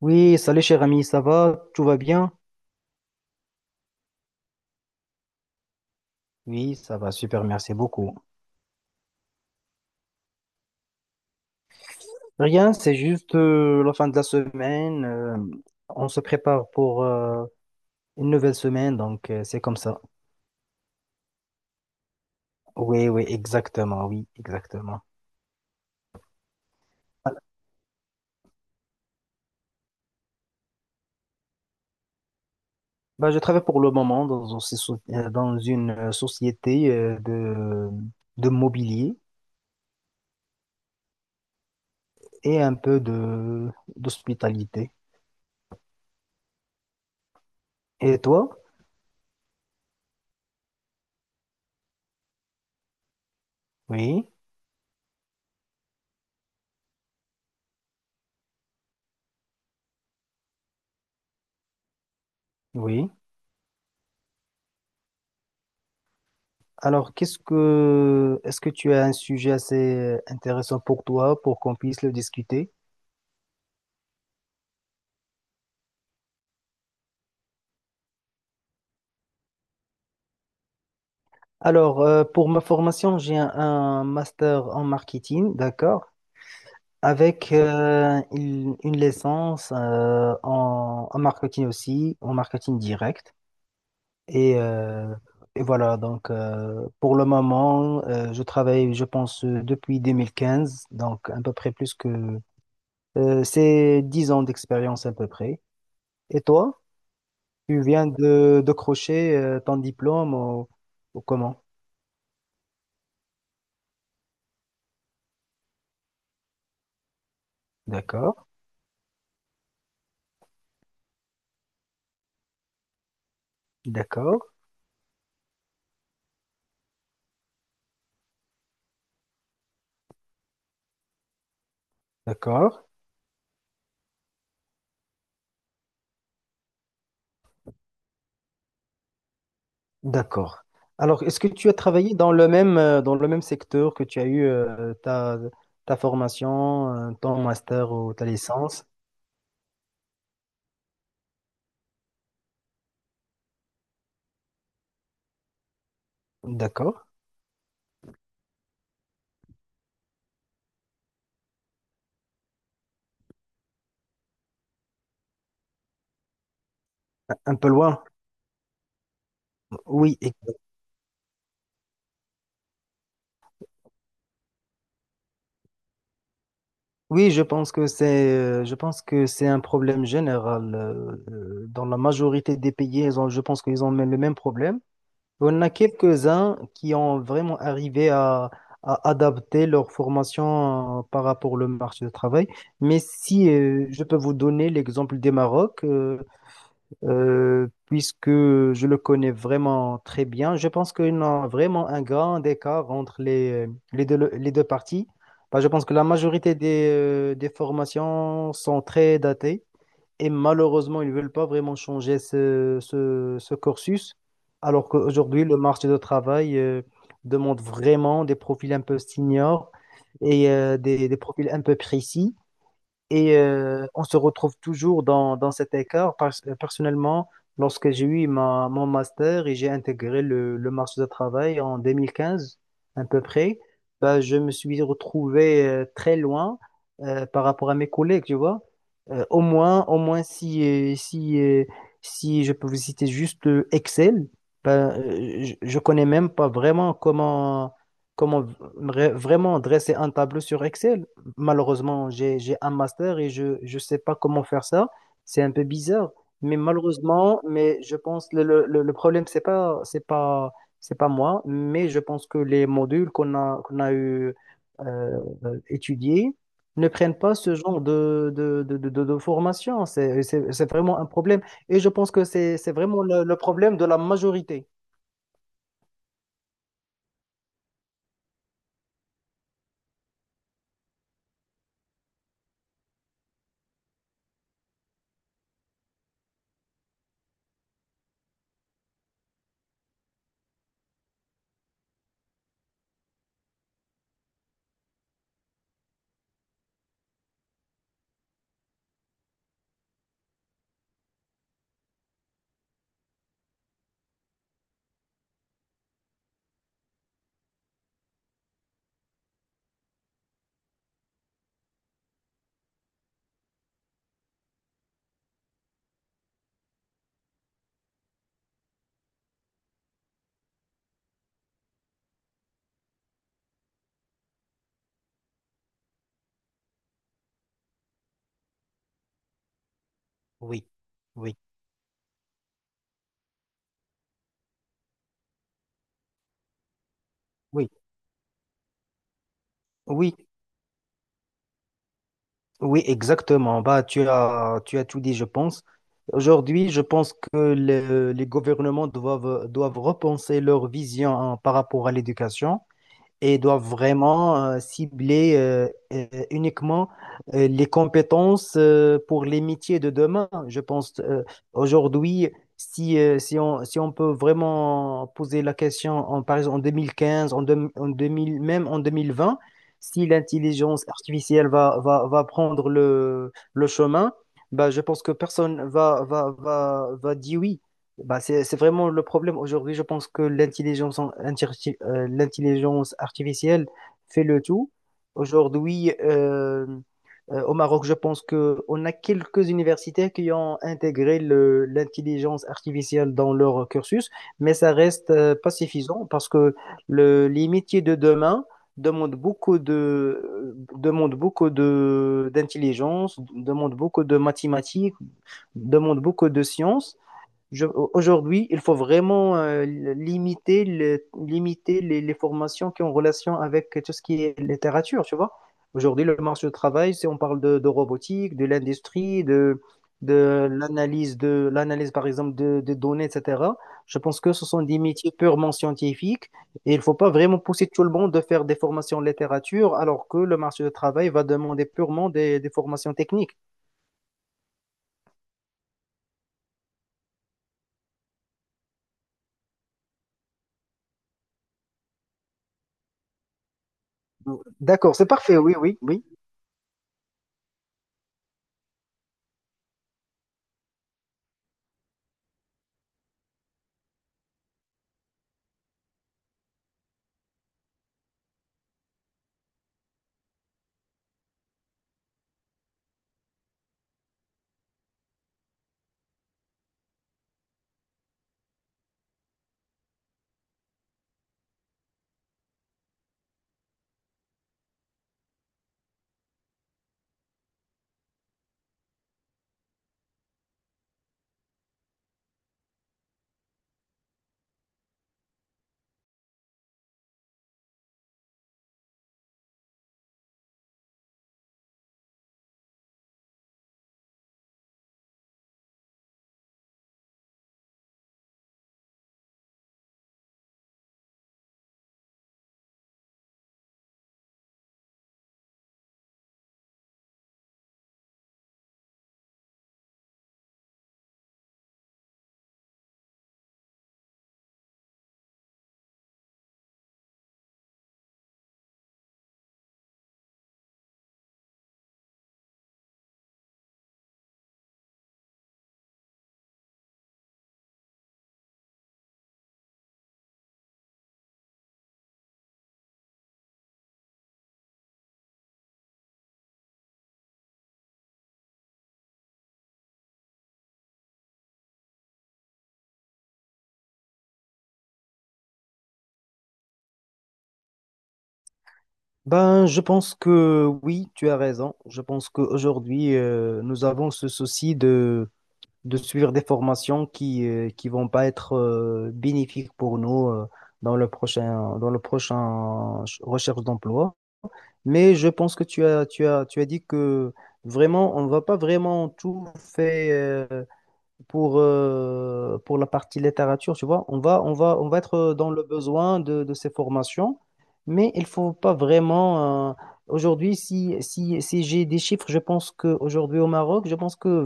Oui, salut cher ami, ça va? Tout va bien? Oui, ça va, super, merci beaucoup. Rien, c'est juste la fin de la semaine. On se prépare pour une nouvelle semaine, donc c'est comme ça. Oui, oui, exactement, oui, exactement. Voilà. Bah, je travaille pour le moment dans, dans une société de, mobilier et un peu de d'hospitalité. Et toi? Oui, oui. Alors, est-ce que tu as un sujet assez intéressant pour toi pour qu'on puisse le discuter? Alors, pour ma formation, j'ai un master en marketing, d'accord, avec une licence en marketing aussi, en marketing direct. Et, euh, et voilà, donc pour le moment, je travaille, je pense, depuis 2015, donc à peu près plus que... c'est 10 ans d'expérience à peu près. Et toi? Tu viens de décrocher ton diplôme ou, comment? D'accord, d'accord, d'accord, d'accord. Alors, est-ce que tu as travaillé dans dans le même secteur que tu as eu ta formation, ton master ou ta licence? D'accord. Un peu loin. Oui, oui, je pense que c'est un problème général. Dans la majorité des pays, je pense qu'ils ont même le même problème. On a quelques-uns qui ont vraiment arrivé à adapter leur formation par rapport au marché du travail. Mais si je peux vous donner l'exemple des Maroc, puisque je le connais vraiment très bien, je pense qu'il y a vraiment un grand écart entre les deux parties. Bah, je pense que la majorité des formations sont très datées. Et malheureusement, ils ne veulent pas vraiment changer ce cursus, alors qu'aujourd'hui, le marché de travail demande vraiment des profils un peu seniors et des profils un peu précis. Et on se retrouve toujours dans cet écart. Personnellement, lorsque j'ai eu mon master et j'ai intégré le marché du travail en 2015 à peu près, bah, je me suis retrouvé très loin par rapport à mes collègues, tu vois. Au moins euh, si, euh, si je peux vous citer juste Excel, bah, je connais même pas vraiment comment vraiment dresser un tableau sur Excel. Malheureusement, j'ai un master et je ne sais pas comment faire ça. C'est un peu bizarre, mais malheureusement, je pense le problème, c'est pas moi, mais je pense que les modules qu'on a eu euh, étudiés ne prennent pas ce genre de formation. C'est vraiment un problème. Et je pense que c'est vraiment le problème de la majorité. Oui, oui, oui, oui, oui, exactement. Bah, tu as tout dit, je pense. Aujourd'hui, je pense que les gouvernements doivent repenser leur vision hein, par rapport à l'éducation. Et doivent vraiment cibler uniquement les compétences pour les métiers de demain. Je pense aujourd'hui, si on peut vraiment poser la question, par exemple en 2015, en 2000, même en 2020, si l'intelligence artificielle va prendre le chemin, bah, je pense que personne va dire oui. Bah, c'est vraiment le problème aujourd'hui. Je pense que l'intelligence artificielle fait le tout. Aujourd'hui, au Maroc, je pense que on a quelques universités qui ont intégré l'intelligence artificielle dans leur cursus, mais ça reste pas suffisant parce que les métiers de demain d'intelligence, demandent beaucoup de mathématiques, demandent beaucoup de sciences. Je- Aujourd'hui, il faut vraiment limiter les formations qui ont relation avec tout ce qui est littérature, tu vois. Aujourd'hui, le marché du travail, si on parle de robotique, de l'industrie, de l'analyse, par exemple, de données, etc., je pense que ce sont des métiers purement scientifiques et il ne faut pas vraiment pousser tout le monde de faire des formations en littérature alors que le marché du travail va demander purement des formations techniques. D'accord, c'est parfait, oui, oui, oui. Ben, je pense que oui, tu as raison. Je pense qu'aujourd'hui, nous avons ce souci de suivre des formations qui vont pas être bénéfiques pour nous dans recherche d'emploi. Mais je pense que tu as dit que vraiment on va pas vraiment tout faire pour la partie littérature, tu vois, on va être dans le besoin de ces formations, mais il faut pas vraiment. Aujourd'hui, si j'ai des chiffres, je pense qu'aujourd'hui au Maroc, je pense que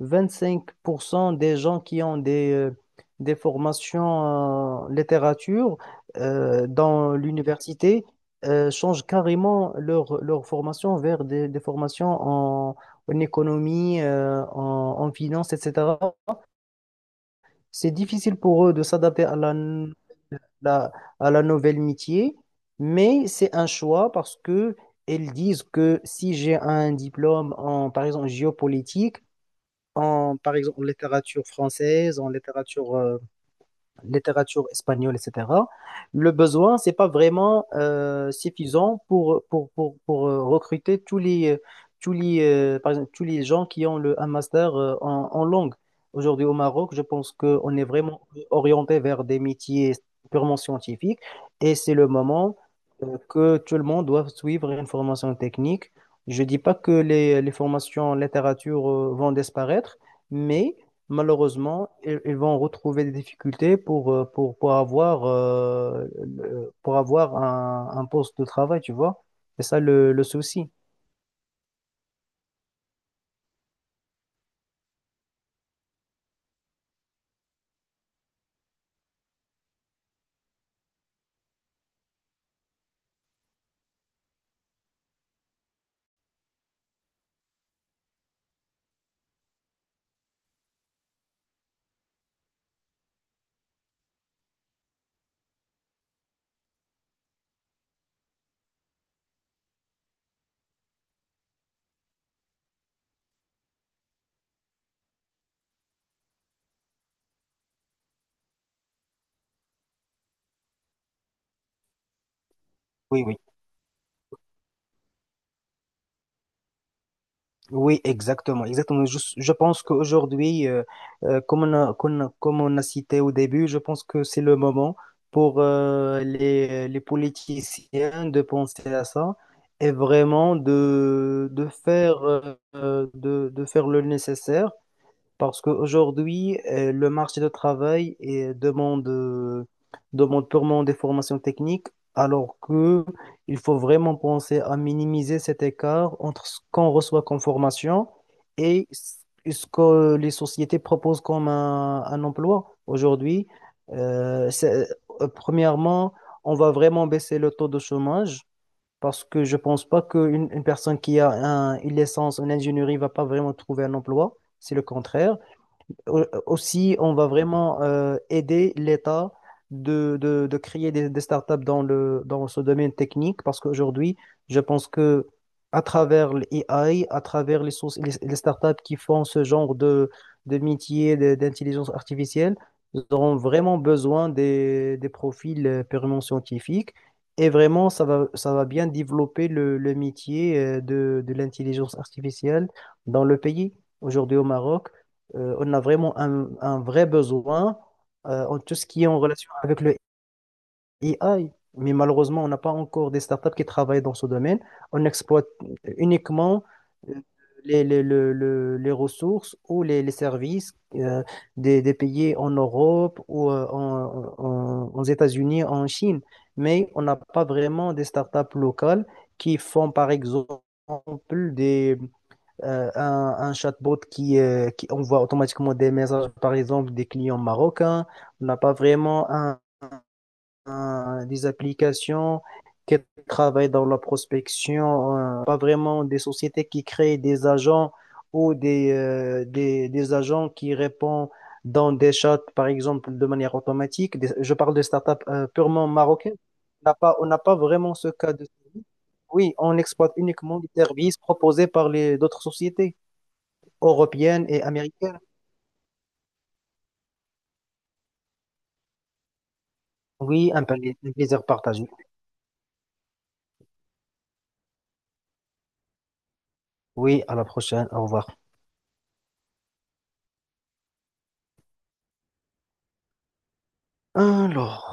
25% des gens qui ont des formations en littérature dans l'université changent carrément leur formation vers des formations en économie, en, finance, etc. C'est difficile pour eux de s'adapter la- à la nouvelle métier, mais c'est un choix parce que elles disent que si j'ai un diplôme en, par exemple, géopolitique, en, par exemple, en littérature française, en littérature espagnole, etc., le besoin, c'est pas vraiment suffisant pour recruter par exemple, tous les gens qui ont un master en langue. Aujourd'hui, au Maroc, je pense qu'on est vraiment orienté vers des métiers purement scientifiques et c'est le moment que tout le monde doit suivre une formation technique. Je dis pas que les formations en littérature vont disparaître, mais malheureusement, ils vont retrouver des difficultés pour avoir un poste de travail, tu vois. C'est ça le souci. Oui, oui, exactement, exactement. Je pense qu'aujourd'hui, comme on a cité au début, je pense que c'est le moment pour les politiciens de penser à ça et vraiment de faire le nécessaire parce qu'aujourd'hui, le marché de travail demande purement des formations techniques, alors que il faut vraiment penser à minimiser cet écart entre ce qu'on reçoit comme formation et ce que les sociétés proposent comme un emploi. Aujourd'hui, Euh, c'est- premièrement, on va vraiment baisser le taux de chômage. Parce que je pense pas qu'une une personne qui a une licence en ingénierie va pas vraiment trouver un emploi. C'est le contraire. Aussi, on va vraiment aider l'État de créer des startups dans dans ce domaine technique parce qu'aujourd'hui, je pense que à travers l'AI, à travers les startups qui font ce genre de métier d'intelligence artificielle, ils auront vraiment besoin des profils purement scientifiques et vraiment, ça va bien développer le métier de l'intelligence artificielle dans le pays. Aujourd'hui au Maroc, on a vraiment un vrai besoin en tout ce qui est en relation avec le AI. Mais malheureusement, on n'a pas encore des startups qui travaillent dans ce domaine. On exploite uniquement euh, les ressources ou les services des pays en Europe ou aux États-Unis, en Chine. Mais on n'a pas vraiment des startups locales qui font, par exemple, des, un chatbot qui envoie automatiquement des messages, par exemple, des clients marocains. On n'a pas vraiment des applications qui travaillent dans la prospection, pas vraiment des sociétés qui créent des agents ou des agents qui répondent dans des chats, par exemple, de manière automatique. Je parle de startups purement marocaines. On n'a pas vraiment ce cas de... Oui, on exploite uniquement les services proposés par les d'autres sociétés européenne et américaine. Oui, un plaisir partagé. Oui, à la prochaine. Au revoir. Alors.